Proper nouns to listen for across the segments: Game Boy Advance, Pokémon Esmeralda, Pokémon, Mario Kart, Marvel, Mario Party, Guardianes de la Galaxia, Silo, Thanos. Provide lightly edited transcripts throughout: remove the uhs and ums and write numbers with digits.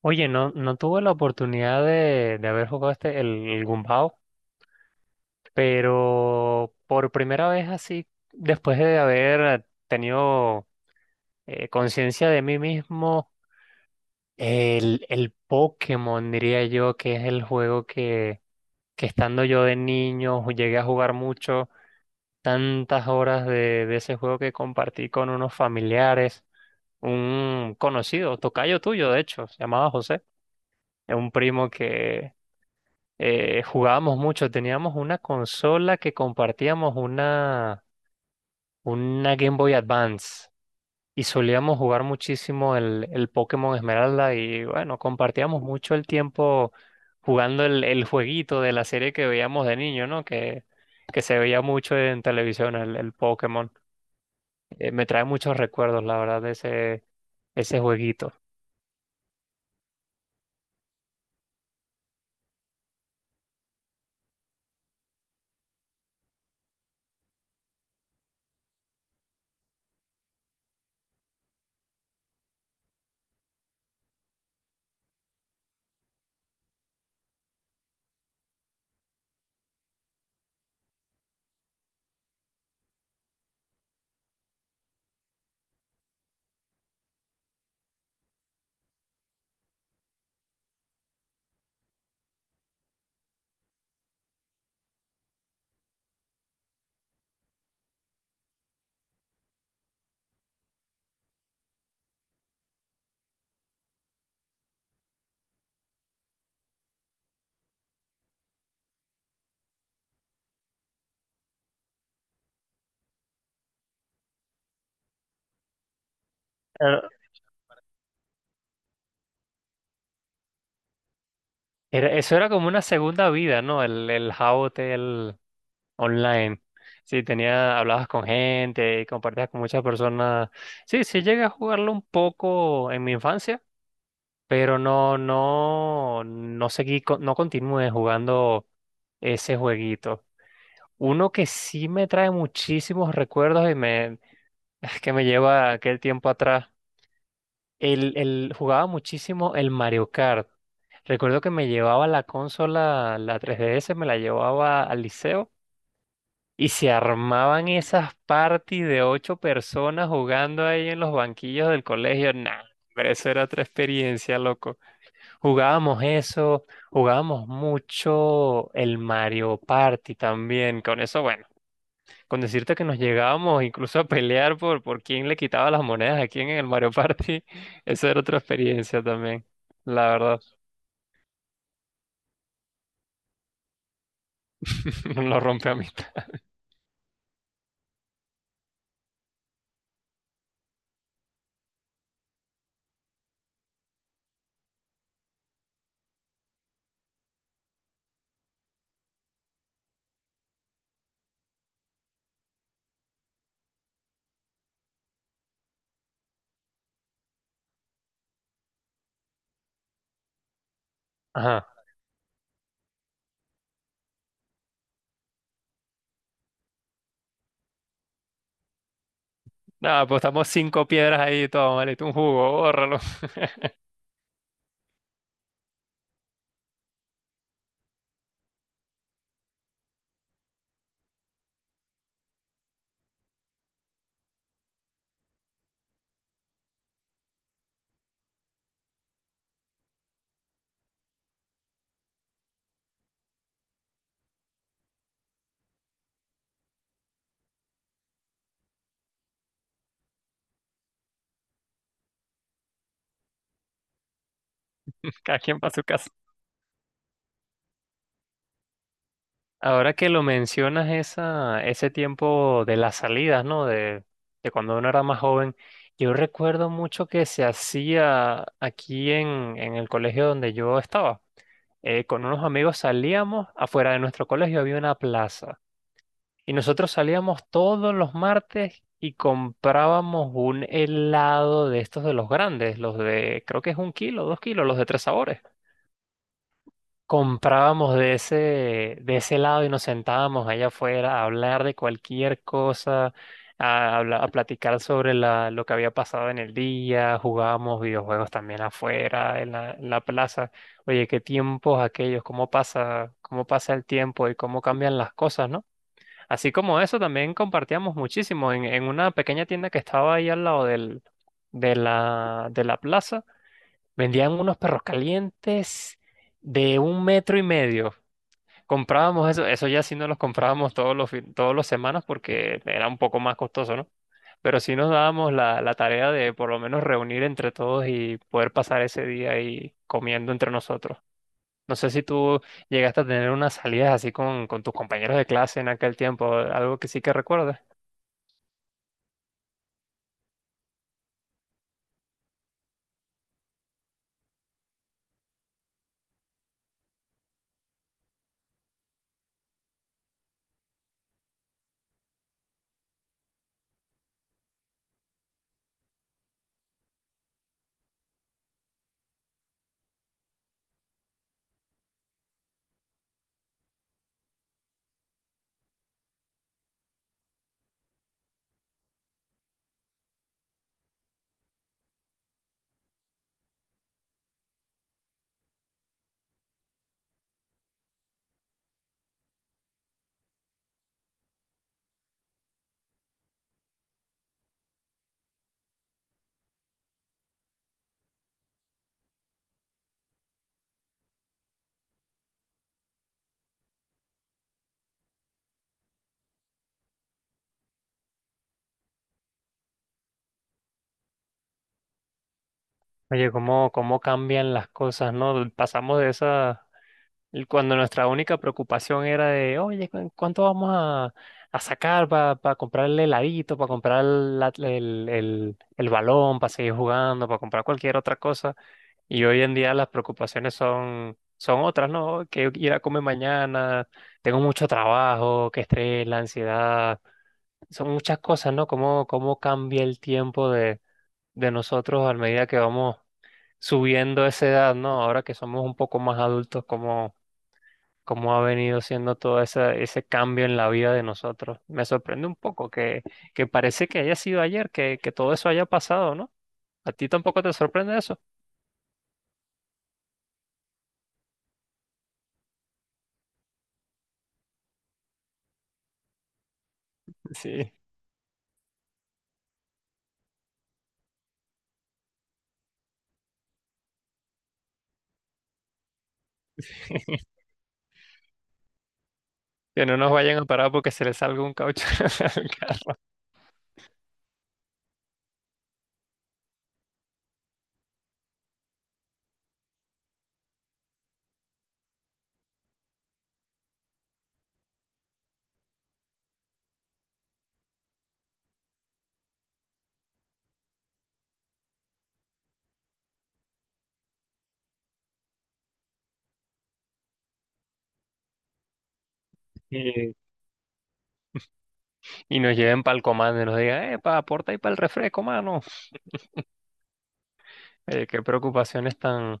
Oye, no, no tuve la oportunidad de haber jugado el Gumbao, pero por primera vez así, después de haber tenido conciencia de mí mismo, el Pokémon, diría yo, que es el juego que estando yo de niño llegué a jugar mucho, tantas horas de ese juego que compartí con unos familiares, un conocido, tocayo tuyo, de hecho, se llamaba José, un primo que jugábamos mucho, teníamos una consola que compartíamos una Game Boy Advance y solíamos jugar muchísimo el Pokémon Esmeralda y bueno, compartíamos mucho el tiempo jugando el jueguito de la serie que veíamos de niño, ¿no? Que se veía mucho en televisión, el Pokémon. Me trae muchos recuerdos, la verdad, de ese jueguito. Era- Eso era como una segunda vida, ¿no? El jabote, el Online. Sí, tenía, hablabas con gente y compartías con muchas personas. Sí, sí llegué a jugarlo un poco en mi infancia, pero no, no, no seguí, no continué jugando ese jueguito. Uno que sí me trae muchísimos recuerdos y que me lleva a aquel tiempo atrás. Jugaba muchísimo el Mario Kart. Recuerdo que me llevaba la consola, la 3DS, me la llevaba al liceo y se armaban esas parties de ocho personas jugando ahí en los banquillos del colegio. Nah, pero eso era otra experiencia, loco. Jugábamos eso, jugábamos mucho el Mario Party también. Con eso, bueno, con decirte que nos llegábamos incluso a pelear por quién le quitaba las monedas a quién en el Mario Party, eso era otra experiencia también, la verdad. Lo rompe amistad. Ajá. No, apostamos cinco piedras ahí y todo, malito, un jugo, bórralo. Cada quien para su casa. Ahora que lo mencionas, ese tiempo de las salidas, ¿no? De cuando uno era más joven, yo recuerdo mucho que se hacía aquí en el colegio donde yo estaba. Con unos amigos salíamos, afuera de nuestro colegio había una plaza. Y nosotros salíamos todos los martes y comprábamos un helado de estos de los grandes, los de, creo que es 1 kilo, 2 kilos, los de tres sabores. Comprábamos de ese lado y nos sentábamos allá afuera a hablar de cualquier cosa, a platicar sobre lo que había pasado en el día, jugábamos videojuegos también afuera, en la plaza. Oye, qué tiempos aquellos, cómo pasa el tiempo y cómo cambian las cosas, ¿no? Así como eso, también compartíamos muchísimo en una pequeña tienda que estaba ahí al lado de la plaza. Vendían unos perros calientes de 1 metro y medio. Comprábamos eso, eso ya sí no los comprábamos todos los semanas porque era un poco más costoso, ¿no? Pero sí nos dábamos la tarea de por lo menos reunir entre todos y poder pasar ese día ahí comiendo entre nosotros. No sé si tú llegaste a tener unas salidas así con tus compañeros de clase en aquel tiempo, algo que sí que recuerdes. Oye, cómo cambian las cosas, ¿no? Pasamos de esa. Y cuando nuestra única preocupación era de, oye, ¿cuánto vamos a sacar para comprar el heladito, para comprar el balón, para seguir jugando, para comprar cualquier otra cosa? Y hoy en día las preocupaciones son otras, ¿no? Que ir a comer mañana, tengo mucho trabajo, que estrés, la ansiedad, son muchas cosas, ¿no? ¿Cómo cambia el tiempo de nosotros a medida que vamos subiendo esa edad? ¿No? Ahora que somos un poco más adultos, cómo ha venido siendo todo ese cambio en la vida de nosotros. Me sorprende un poco que parece que haya sido ayer, que todo eso haya pasado, ¿no? ¿A ti tampoco te sorprende eso? Sí. Que no nos vayan a parar porque se les salga un caucho al carro y, y nos lleven para el comando y nos digan, pa, aporta ahí para el refresco, mano. Qué preocupaciones tan,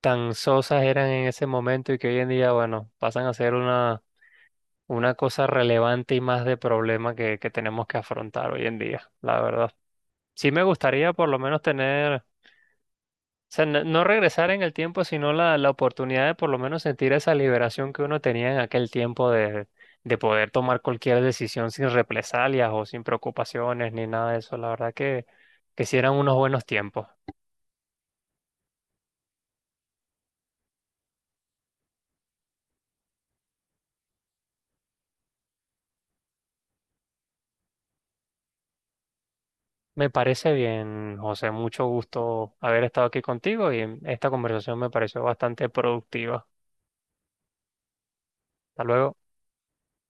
tan sosas eran en ese momento y que hoy en día, bueno, pasan a ser una cosa relevante y más de problema que tenemos que afrontar hoy en día, la verdad. Sí me gustaría por lo menos tener, o sea, no, no regresar en el tiempo, sino la oportunidad de por lo menos sentir esa liberación que uno tenía en aquel tiempo de poder tomar cualquier decisión sin represalias o sin preocupaciones ni nada de eso. La verdad que sí eran unos buenos tiempos. Me parece bien, José, mucho gusto haber estado aquí contigo y esta conversación me pareció bastante productiva. Hasta luego.